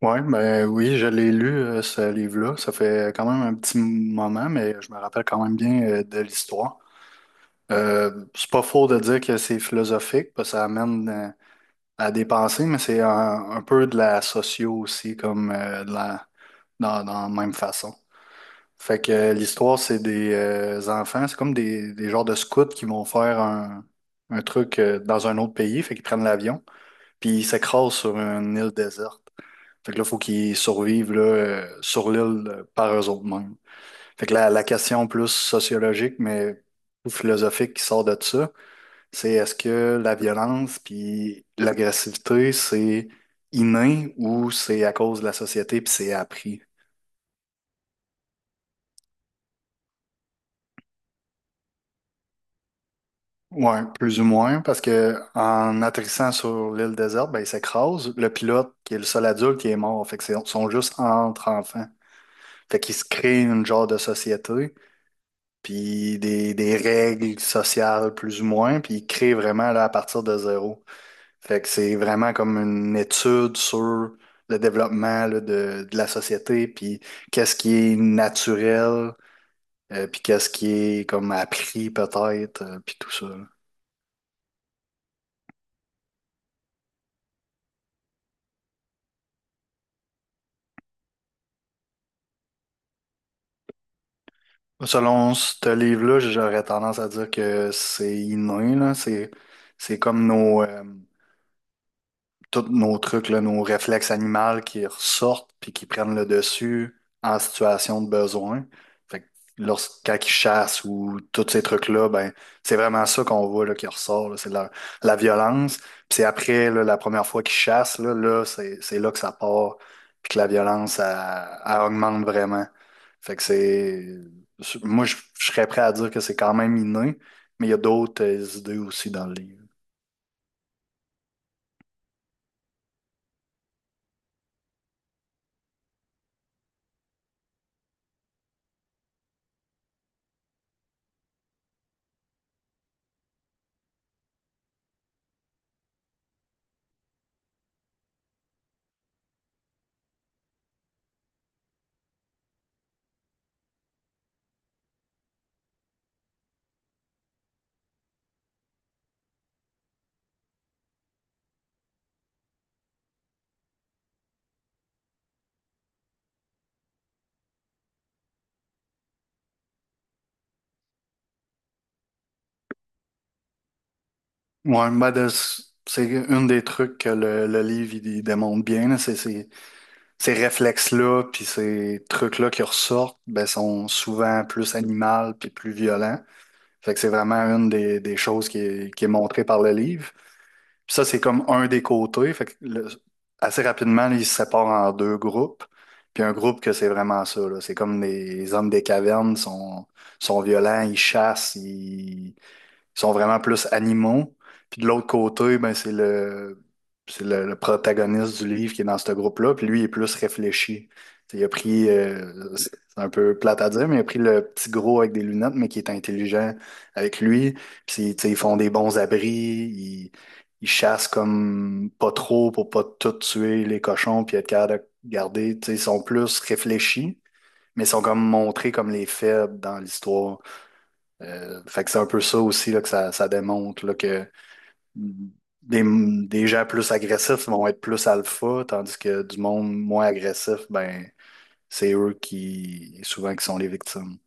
Ouais, ben oui, je l'ai lu, ce livre-là. Ça fait quand même un petit moment, mais je me rappelle quand même bien de l'histoire. C'est pas faux de dire que c'est philosophique, parce que ça amène à des pensées, mais c'est un peu de la socio aussi, comme de dans la même façon. Fait que l'histoire, c'est des enfants, c'est comme des genres de scouts qui vont faire un truc dans un autre pays, fait qu'ils prennent l'avion, puis ils s'écrasent sur une île déserte. Fait que là, il faut qu'ils survivent là, sur l'île par eux-mêmes. Fait que la question plus sociologique, mais ou philosophique qui sort de ça, c'est est-ce que la violence puis l'agressivité, c'est inné ou c'est à cause de la société puis c'est appris? Ouais, plus ou moins, parce que en atterrissant sur l'île déserte, ben, il s'écrase. Le pilote, qui est le seul adulte, il est mort. Fait que ils sont juste entre enfants. Fait qu'ils se créent une genre de société, puis des règles sociales plus ou moins, puis il crée vraiment là, à partir de zéro. Fait que c'est vraiment comme une étude sur le développement là, de la société, puis qu'est-ce qui est naturel, puis qu'est-ce qui est comme appris peut-être, puis tout ça. Là. Selon ce livre-là, j'aurais tendance à dire que c'est inné, là. C'est comme nos, tous nos trucs, là, nos réflexes animaux qui ressortent puis qui prennent le dessus en situation de besoin. Fait que lorsque, chassent ou tous ces trucs-là, ben, c'est vraiment ça qu'on voit là, qui ressort. Là. C'est de la violence. Puis c'est après, là, la première fois qu'ils chassent, là, là, c'est là que ça part puis que la violence, elle, elle augmente vraiment. Fait que c'est... Moi, je serais prêt à dire que c'est quand même inné, mais il y a d'autres idées aussi dans le livre. Ouais, c'est un des trucs que le livre il démontre bien, là, c'est ces ces réflexes-là, puis ces trucs-là qui ressortent, ben, sont souvent plus animaux puis plus violents. Fait que c'est vraiment une des choses qui est montrée par le livre. Puis ça, c'est comme un des côtés. Assez rapidement, là, ils se séparent en deux groupes. Puis un groupe que c'est vraiment ça, là. C'est comme des les hommes des cavernes sont, sont violents, ils chassent, sont vraiment plus animaux. Puis de l'autre côté, ben, c'est c'est le protagoniste du livre qui est dans ce groupe-là. Puis lui, il est plus réfléchi. T'sais, il a pris, c'est un peu plate à dire, mais il a pris le petit gros avec des lunettes, mais qui est intelligent avec lui. Puis t'sais, ils font des bons abris, ils chassent comme pas trop pour pas tout tuer les cochons, puis être capable de garder. T'sais, ils sont plus réfléchis, mais ils sont comme montrés comme les faibles dans l'histoire. Fait que c'est un peu ça aussi là, que ça démontre là, que des gens plus agressifs vont être plus alpha, tandis que du monde moins agressif, ben c'est eux qui souvent qui sont les victimes.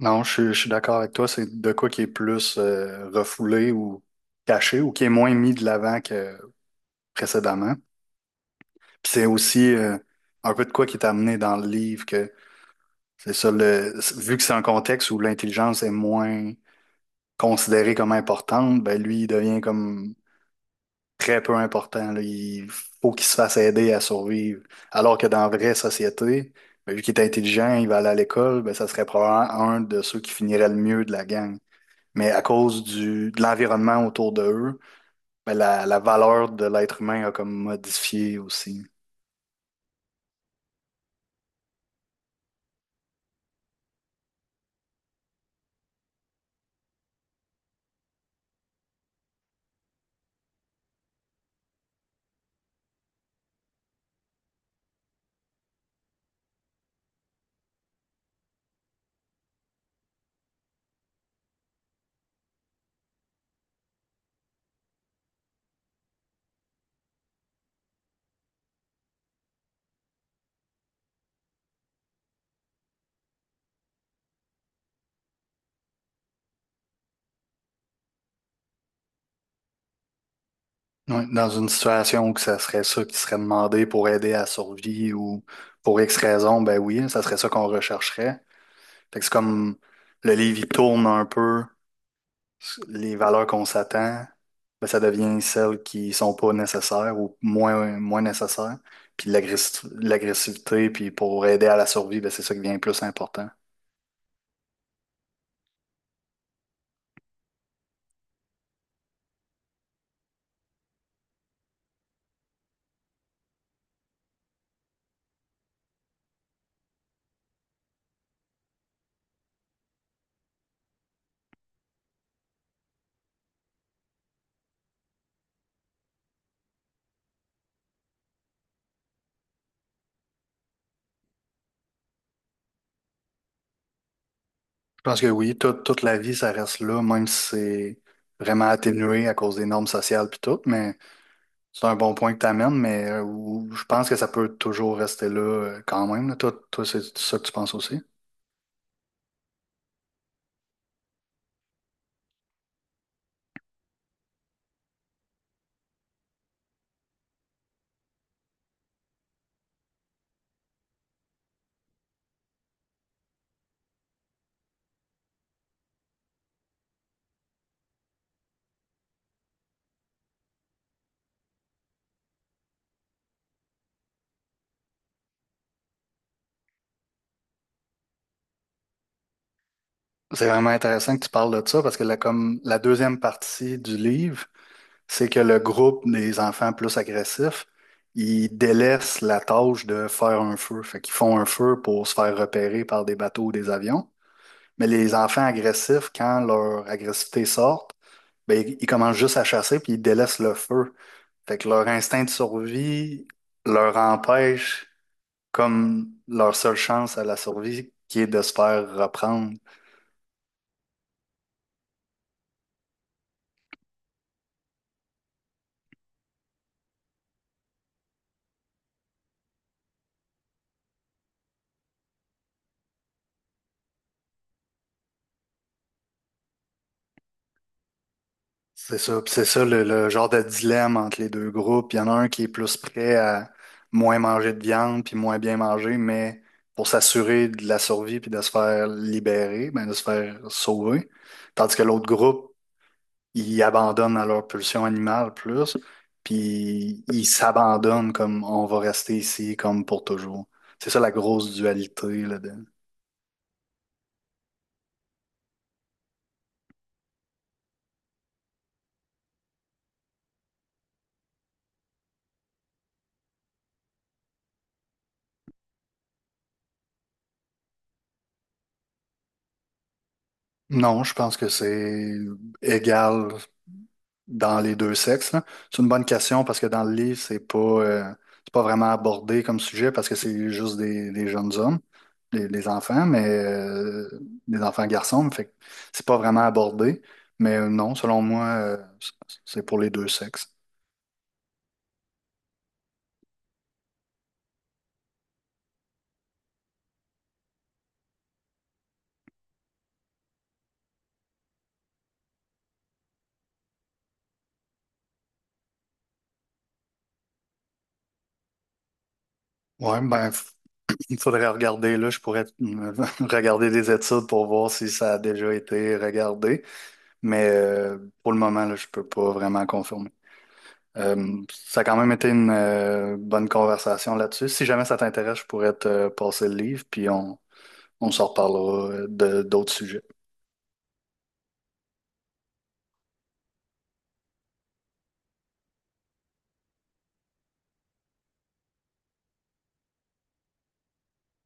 Non, je suis d'accord avec toi, c'est de quoi qui est plus refoulé ou caché ou qui est moins mis de l'avant que précédemment. Puis c'est aussi un peu de quoi qui est amené dans le livre que c'est ça le vu que c'est un contexte où l'intelligence est moins considérée comme importante, ben lui, il devient comme très peu important. Là. Il faut qu'il se fasse aider à survivre. Alors que dans la vraie société, ben, vu qu'il est intelligent, il va aller à l'école, ben, ça serait probablement un de ceux qui finirait le mieux de la gang. Mais à cause du, de l'environnement autour de eux, ben, la valeur de l'être humain a comme modifié aussi. Ouais, dans une situation où que ça serait ça qui serait demandé pour aider à la survie ou pour X raison, ben oui, ça serait ça qu'on rechercherait. Fait que c'est comme le livre, il tourne un peu les valeurs qu'on s'attend, ben, ça devient celles qui sont pas nécessaires ou moins, moins nécessaires. Puis l'agressivité, puis pour aider à la survie, ben, c'est ça qui devient plus important. Je pense que oui, toute la vie, ça reste là, même si c'est vraiment atténué à cause des normes sociales puis tout, mais c'est un bon point que tu amènes, mais je pense que ça peut toujours rester là quand même. Là. Toi, toi, c'est ça que tu penses aussi. C'est vraiment intéressant que tu parles de ça parce que la, comme la deuxième partie du livre, c'est que le groupe des enfants plus agressifs, ils délaissent la tâche de faire un feu. Fait qu'ils font un feu pour se faire repérer par des bateaux ou des avions. Mais les enfants agressifs, quand leur agressivité sort, ben, ils commencent juste à chasser puis ils délaissent le feu. Fait que leur instinct de survie leur empêche comme leur seule chance à la survie qui est de se faire reprendre. C'est ça. Puis c'est ça le genre de dilemme entre les deux groupes. Il y en a un qui est plus prêt à moins manger de viande puis moins bien manger, mais pour s'assurer de la survie puis de se faire libérer, ben de se faire sauver. Tandis que l'autre groupe ils abandonnent à leur pulsion animale plus, puis ils s'abandonnent comme on va rester ici comme pour toujours. C'est ça la grosse dualité là-dedans. Non, je pense que c'est égal dans les deux sexes, là. C'est une bonne question parce que dans le livre, c'est pas vraiment abordé comme sujet parce que c'est juste des jeunes hommes, des enfants, mais des enfants garçons, mais fait que c'est pas vraiment abordé. Mais non, selon moi, c'est pour les deux sexes. Ouais, il faudrait regarder, là, je pourrais regarder des études pour voir si ça a déjà été regardé, mais pour le moment, là, je peux pas vraiment confirmer. Ça a quand même été une bonne conversation là-dessus. Si jamais ça t'intéresse, je pourrais te passer le livre, puis on s'en reparlera de d'autres sujets.